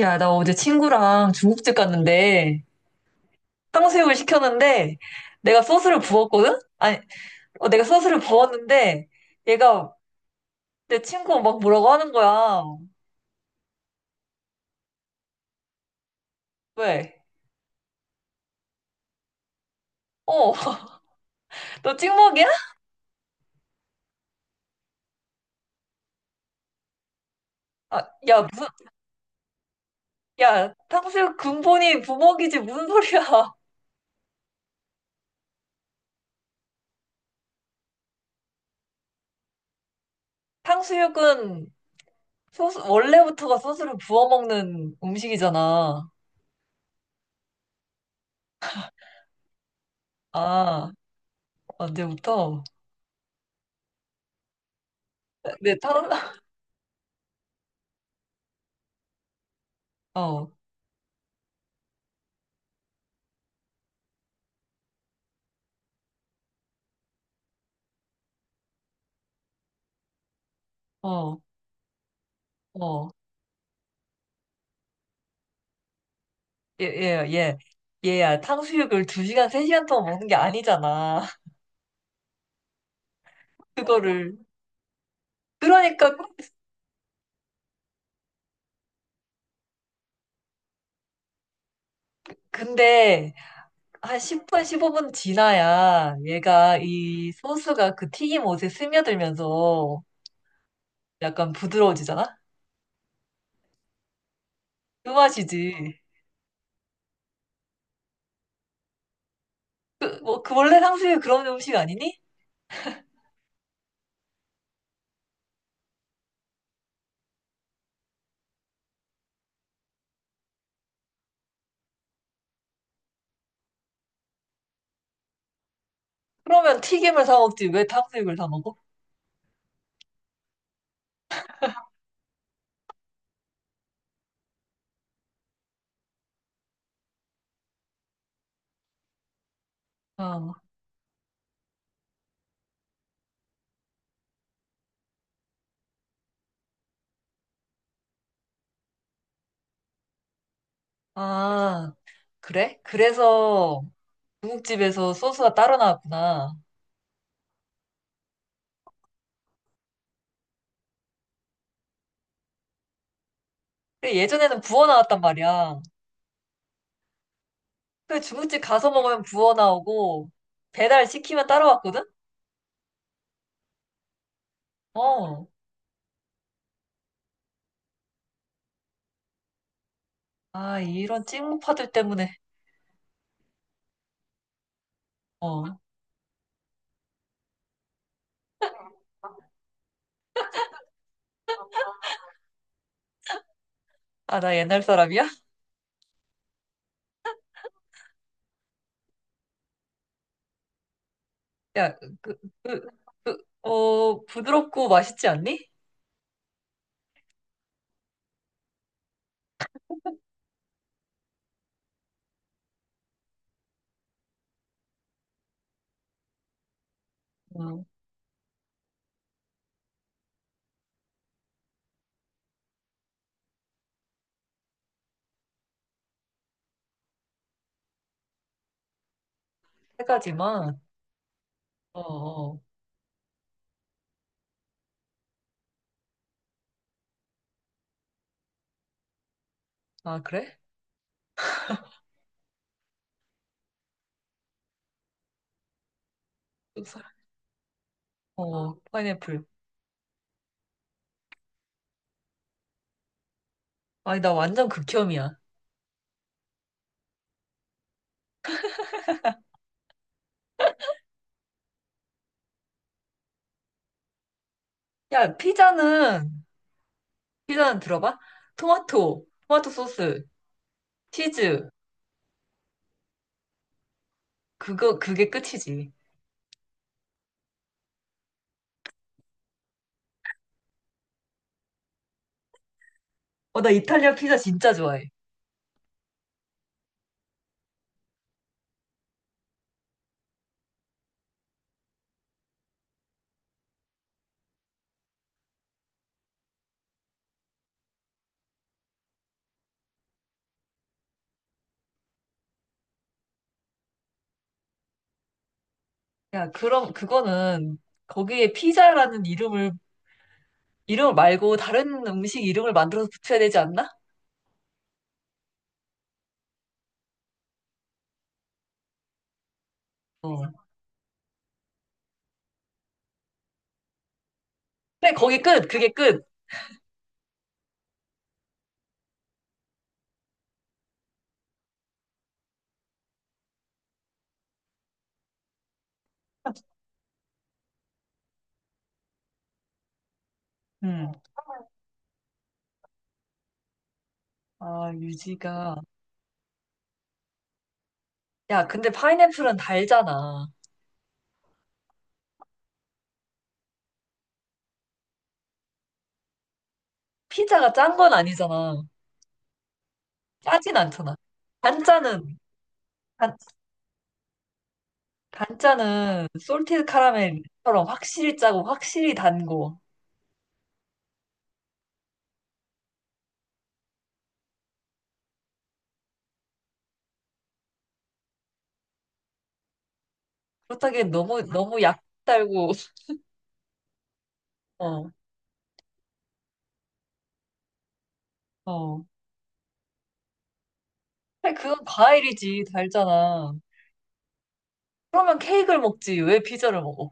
야, 나 어제 친구랑 중국집 갔는데 탕수육을 시켰는데 내가 소스를 부었거든? 아니, 내가 소스를 부었는데 얘가 내 친구 막 뭐라고 하는 거야. 왜? 어, 너 찍먹이야? 아, 야, 무슨, 야, 탕수육 근본이 부먹이지 무슨 소리야. 탕수육은 소스, 원래부터가 소스를 부어 먹는 음식이잖아. 아, 언제부터? 내 탕, 어, 어, 어. 예, 예, 예. 얘야, 탕수육을 두시간세시간 동안 먹는 게 아니잖아. 그거를. 그러니까, 근데, 한 10분, 15분 지나야 얘가 이 소스가 그 튀김 옷에 스며들면서 약간 부드러워지잖아? 그 맛이지. 뭐, 그 원래 탕수육 그런 음식 아니니? 그러면 튀김을 사 먹지. 왜 탕수육을 사 먹어? 어. 아, 그래? 그래서 중국집에서 소스가 따로 나왔구나. 근데 예전에는 부어 나왔단 말이야. 그 중국집 가서 먹으면 부어 나오고 배달 시키면 따라왔거든? 어. 아, 이런 찍먹파들 때문에. 어. 아, 나 옛날 사람이야? 야, 그, 그, 부드럽고 맛있지 않니? 어, 세 가지만. 어, 어. 아, 그래? 어, 파인애플. 아니, 나 완전 극혐이야. 야, 피자는 들어봐? 토마토 소스, 치즈. 그게 끝이지. 어, 나 이탈리아 피자 진짜 좋아해. 야, 그럼 그거는 거기에 피자라는 이름을 이름 말고 다른 음식 이름을 만들어서 붙여야 되지 않나? 어. 그래, 거기 끝. 그게 끝. 음. 아, 유지가. 야, 근데 파인애플은 달잖아. 피자가 짠 건 아니잖아. 짜진 않잖아. 단짠은 단, 단짠은 솔티드 카라멜처럼 확실히 짜고 확실히 단고. 그렇다기엔 너무 너무 약 달고. 어. 어. 그래, 그건 과일이지. 달잖아. 그러면 케이크를 먹지. 왜 피자를 먹어?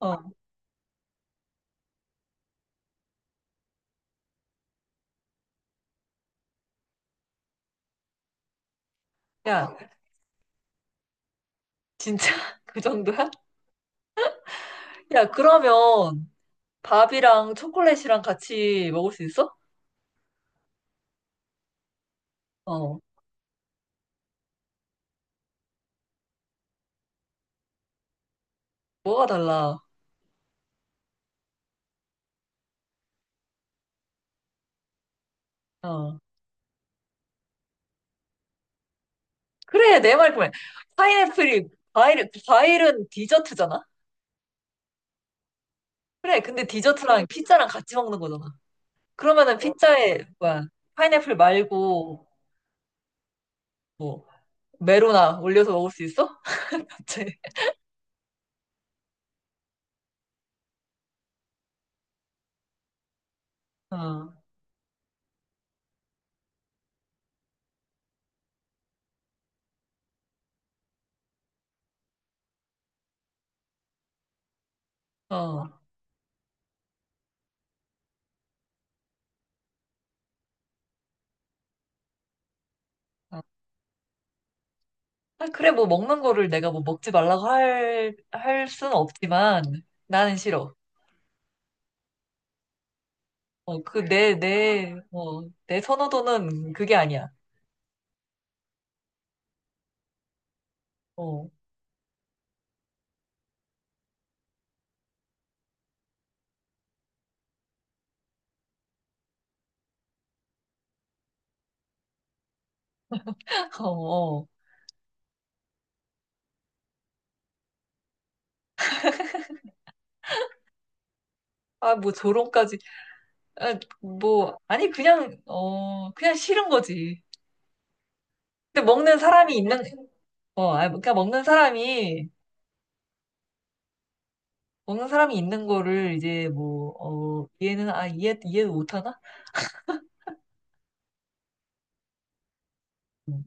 어. 야, 진짜 그 정도야? 야, 그러면 밥이랑 초콜릿이랑 같이 먹을 수 있어? 어. 뭐가 달라? 어. 그래, 내 말 그만. 파인애플이, 과일은 디저트잖아? 그래, 근데 디저트랑 피자랑 같이 먹는 거잖아. 그러면은 피자에, 뭐야, 파인애플 말고, 뭐, 메로나 올려서 먹을 수 있어? 대체. 어, 어. 아, 그래, 뭐 먹는 거를 내가 뭐 먹지 말라고 할, 할 순 없지만 나는 싫어. 어, 내 선호도는 그게 아니야. 어, 어, 어. 아, 뭐 조롱까지. 아, 뭐, 아니, 그냥 싫은 거지. 근데 먹는 사람이 있는, 아, 그러니까 먹는 사람이 있는 거를 이제 뭐, 이해는, 아, 이해도 못하나? 음.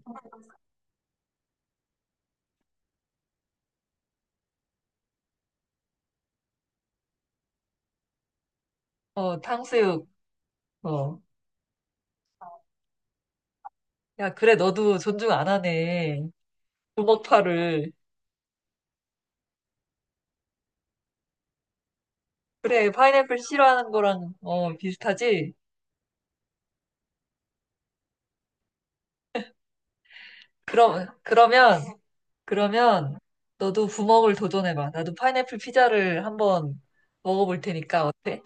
어, 탕수육, 어. 야, 그래, 너도 존중 안 하네. 주먹파를. 그래, 파인애플 싫어하는 거랑, 비슷하지? 그럼, 그러면, 그러면, 너도 부먹을 도전해봐. 나도 파인애플 피자를 한번 먹어볼 테니까, 어때?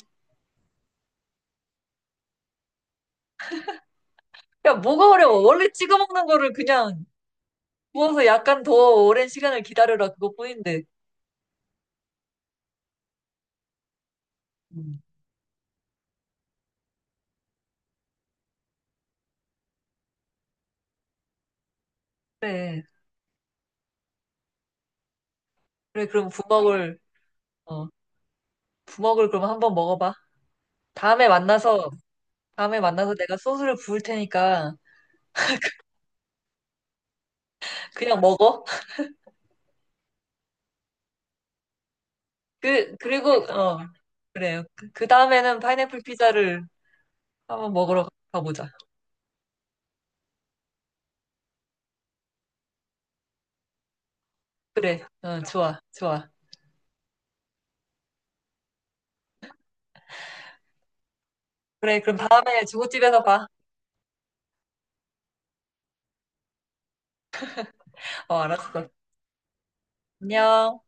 야, 뭐가 어려워? 원래 찍어 먹는 거를 그냥 구워서 약간 더 오랜 시간을 기다려라. 그것뿐인데. 음, 그래. 그래, 그럼 어, 부먹을 그럼 한번 먹어봐. 다음에 만나서, 다음에 만나서 내가 소스를 부을 테니까, 그냥 먹어. 그리고, 그래요. 그 다음에는 파인애플 피자를 한번 먹으러 가보자. 그래, 좋아, 좋아. 그래, 그럼 다음에 중국집에서 봐. 어, 알았어. 안녕.